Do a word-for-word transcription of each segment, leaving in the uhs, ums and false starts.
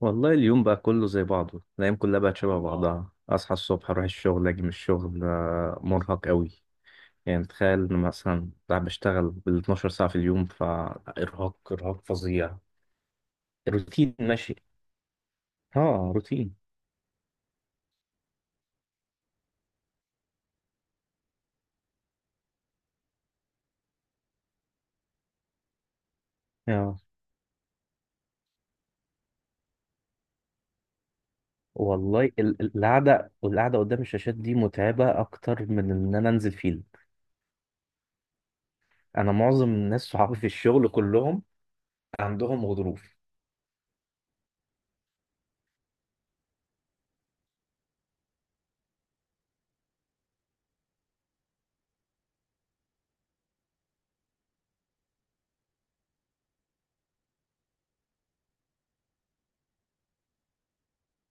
والله اليوم بقى كله زي بعضه. الأيام كلها بقت شبه اه بعضها. أصحى الصبح أروح الشغل أجي من الشغل، آه، مرهق أوي. يعني تخيل إن مثلا بقى بشتغل بال اتناشر ساعة في اليوم، فإرهاق إرهاق فظيع. روتين ماشي. اه، روتين. اه. والله ال- ال- القعدة والقعدة قدام الشاشات دي متعبة أكتر من إن أنا أنزل فيلد. أنا معظم الناس صحابي في الشغل كلهم عندهم غضروف.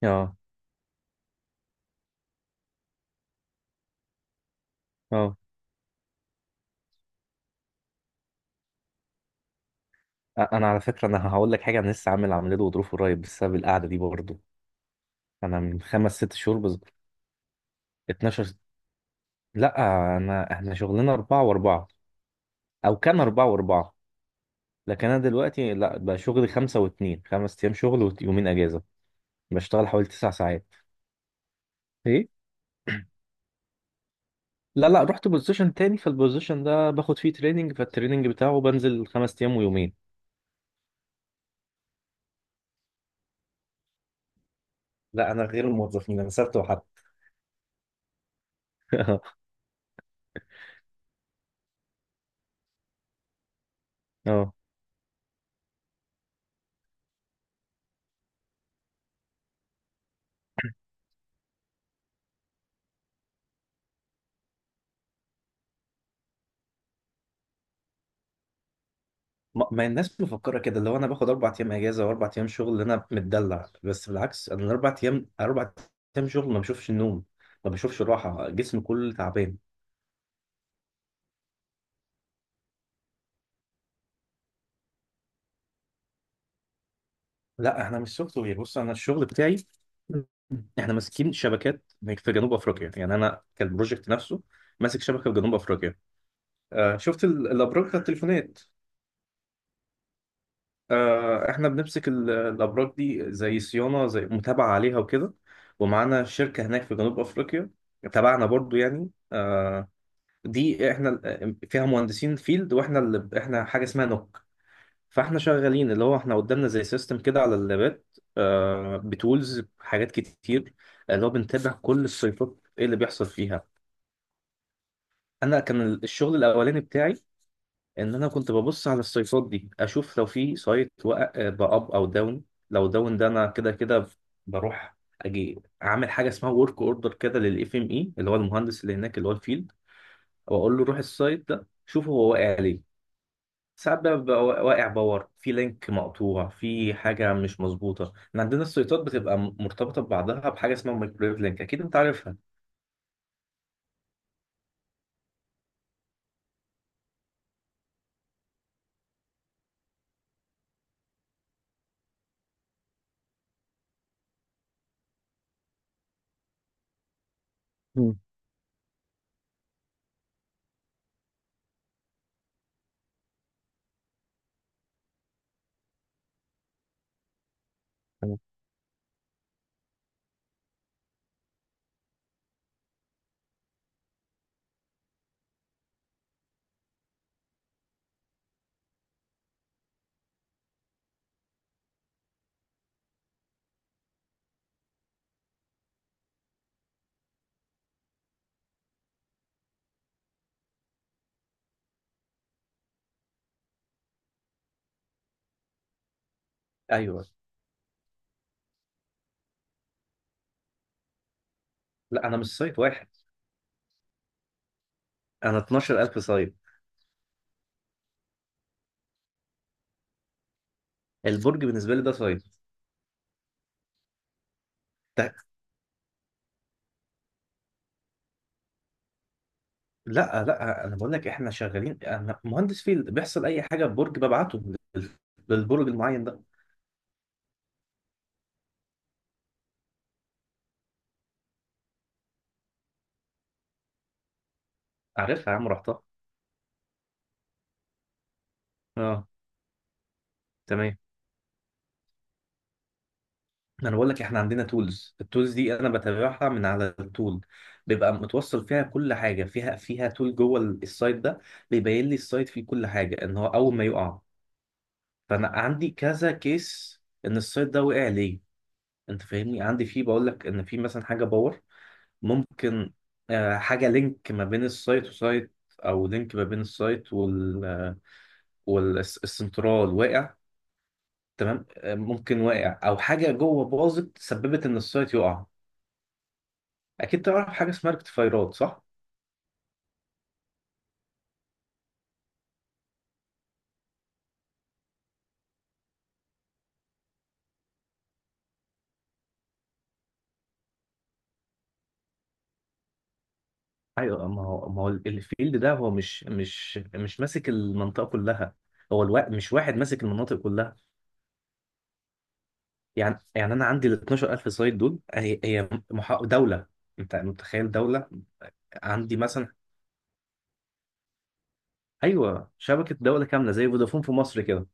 اه. اه. أ- أنا على فكرة أنا هقول لك حاجة، أنا لسه عامل عملية غضروف قريب بسبب القعدة دي برضه. انا من خمس ست شهور بز... اتناشر. لا. انا احنا شغلنا اربعة واربعة، او كان اربعة واربعة. لكن انا دلوقتي لا بقى شغلي خمسة واتنين، خمس ايام شغل ويومين اجازة. بشتغل حوالي تسع ساعات. ايه. لا لا، رحت بوزيشن تاني، فالبوزيشن ده باخد فيه تريننج، فالتريننج بتاعه بنزل خمس ايام ويومين. لا انا غير الموظفين، انا سبت وحد. اه. ما ما الناس مفكره كده، اللي هو انا باخد اربع ايام اجازه واربع ايام شغل انا متدلع، بس بالعكس انا الاربع ايام، اربع ايام شغل ما بشوفش النوم، ما بشوفش راحه، جسمي كله تعبان. لا احنا مش سوفت وير، بص انا الشغل بتاعي. احنا ماسكين شبكات في جنوب افريقيا، يعني انا كالبروجكت نفسه ماسك شبكه في جنوب افريقيا. آه، شفت ال- الابراج بتاع التليفونات؟ آه، احنا بنمسك ال- الابراج دي، زي صيانه زي متابعه عليها وكده، ومعانا شركه هناك في جنوب افريقيا تبعنا برضو، يعني آه، دي احنا ال- آه، فيها مهندسين فيلد، واحنا اللي احنا حاجه اسمها نوك. فاحنا شغالين اللي هو احنا قدامنا زي سيستم كده على اللابات، آه، بتولز حاجات كتير، اللي هو بنتابع كل السيطات ايه اللي بيحصل فيها. انا كان الشغل الاولاني بتاعي ان انا كنت ببص على السايتات دي اشوف لو في سايت وقع باب او داون. لو داون ده انا كده كده بروح، اجي اعمل حاجه اسمها ورك اوردر كده للاف ام اي، اللي هو المهندس اللي هناك اللي هو الفيلد، واقول له روح السايت ده شوف هو واقع ليه. ساعات بقى بيبقى واقع باور، في لينك مقطوع، في حاجه مش مظبوطه. إن عندنا السايتات بتبقى مرتبطه ببعضها بحاجه اسمها مايكرويف لينك، اكيد انت عارفها. مم. تمام. ايوه. لا انا مش سايت واحد، انا اثنا عشر ألف سايت. البرج بالنسبه لي ده سايت. لا لا، انا بقول لك احنا شغالين، انا مهندس فيل بيحصل اي حاجه في برج ببعته لل- للبرج المعين ده. عارفها يا عم، رحتها. اه، تمام. انا بقول لك احنا عندنا تولز، التولز دي انا بتابعها من على التول. بيبقى متوصل فيها كل حاجه، فيها فيها تول جوه ال- السايت ده. بيبين لي السايت فيه كل حاجه، ان هو اول ما يقع فانا عندي كذا كيس ان السايت ده وقع ليه. انت فاهمني، عندي فيه بقول لك ان في مثلا حاجه باور، ممكن آه، حاجة لينك ما بين السايت وسايت، أو لينك ما بين السايت وال والسنترال واقع. تمام، آه، ممكن واقع أو حاجة جوه باظت سببت إن السايت يقع. أكيد تعرف حاجة اسمها ريكتيفايرات، صح؟ أيوه، ما هو ما هو الفيلد ده هو مش مش مش ماسك المنطقة كلها، هو الوا... مش واحد ماسك المناطق كلها. يعني يعني أنا عندي ال اثنا عشر ألف سايت دول، هي هي محا... دولة، أنت متخيل دولة. عندي مثلا. ايوه، شبكه دوله كامله زي فودافون في مصر كده.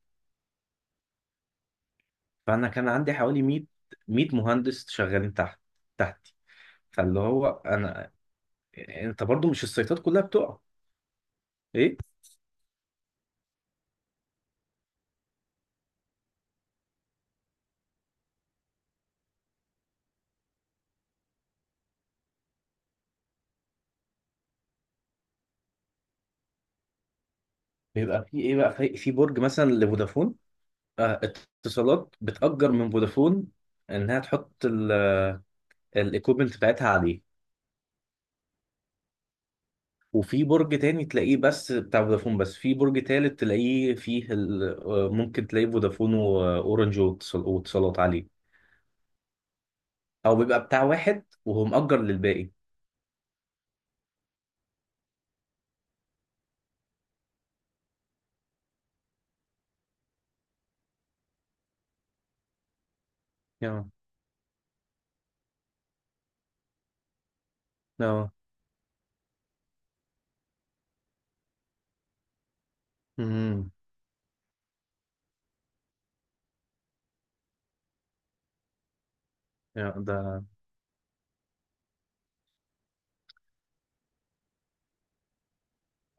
فانا كان عندي حوالي مية ميه مهندس شغالين تحت تحتي. فاللي هو انا. انت برضو مش السيطات كلها بتقع. ايه. بيبقى في ايه بقى، في في برج مثلا لفودافون. آه، اتصالات بتأجر من فودافون انها تحط الايكوبمنت بتاعتها عليه، وفي برج تاني تلاقيه بس بتاع فودافون، بس في برج تالت تلاقيه فيه ال- آه، ممكن تلاقيه فودافون واورنج واتصال- واتصالات عليه، او بيبقى بتاع واحد وهو مأجر للباقي. يا. اه. امم يا ده.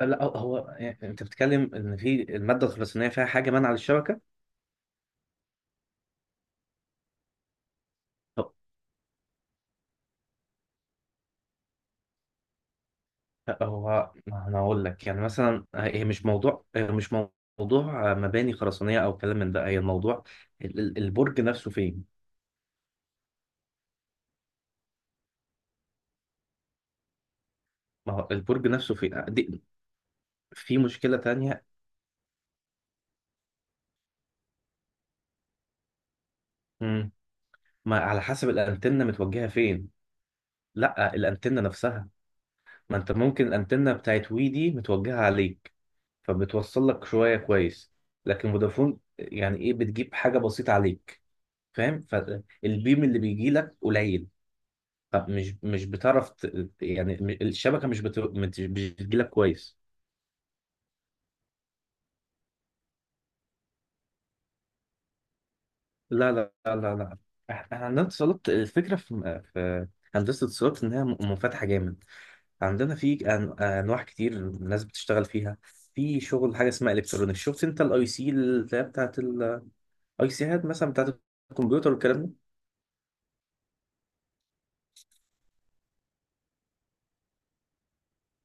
لا، هو هو- يعني انت بتتكلم ان في الماده الخرسانيه فيها حاجه مانعه للشبكه. هو هو- انا هقول لك، يعني مثلا هي مش موضوع هي مش موضوع مباني خرسانيه او كلام من ده، هي الموضوع ال- ال- البرج نفسه فين. ما هو البرج نفسه فين دي. في مشكله تانية. امم ما على حسب الانتنه متوجهه فين. لا الانتنه نفسها، ما انت ممكن الانتنه بتاعت وي دي متوجهه عليك فبتوصل لك شويه كويس، لكن فودافون يعني ايه، بتجيب حاجه بسيطه عليك، فاهم؟ فالبيم اللي بيجي لك قليل، فمش مش بتعرف ت- يعني م- الشبكه مش بت... مش بتجي لك كويس. لا لا لا لا لا. احنا عندنا اتصالات، الفكره في في هندسه اتصالات انها م- منفتحه جامد، عندنا في أن- انواع كتير الناس بتشتغل فيها. في شغل حاجه اسمها الكترونيك. شفت انت الاي سي اللي هي بتاعت الاي سيهات مثلا بتاعت الكمبيوتر والكلام ده.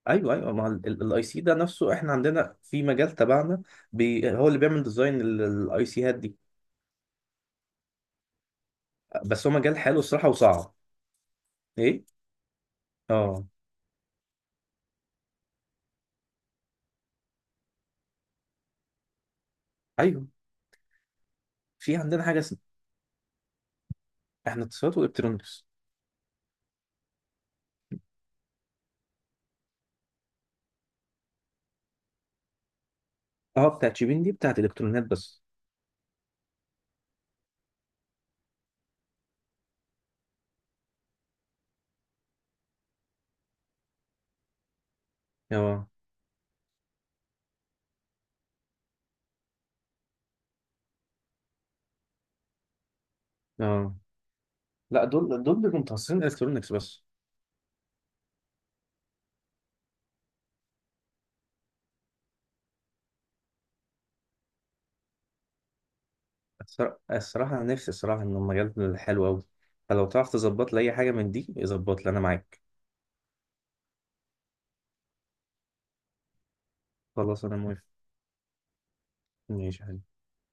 ايوه ايوه، ما الاي سي ده نفسه احنا عندنا في مجال تبعنا. بي هو اللي بيعمل ديزاين الاي سي هات دي، بس هو مجال حلو الصراحه وصعب. ايه. اه. ايوه. في عندنا حاجه اسمها احنا اتصالات والكترونكس. اه، بتاعت شيبين دي بتاعت الكترونيات بس. اه. اه. لا دول دول بيبقوا متخصصين الكترونكس بس. الصرا- الصراحه انا نفسي، الصراحه ان المجال حلو قوي، فلو تعرف تظبط لي اي حاجه من دي ظبط لي انا معاك. خلاص انا موافق. ماشي يا حبيبي.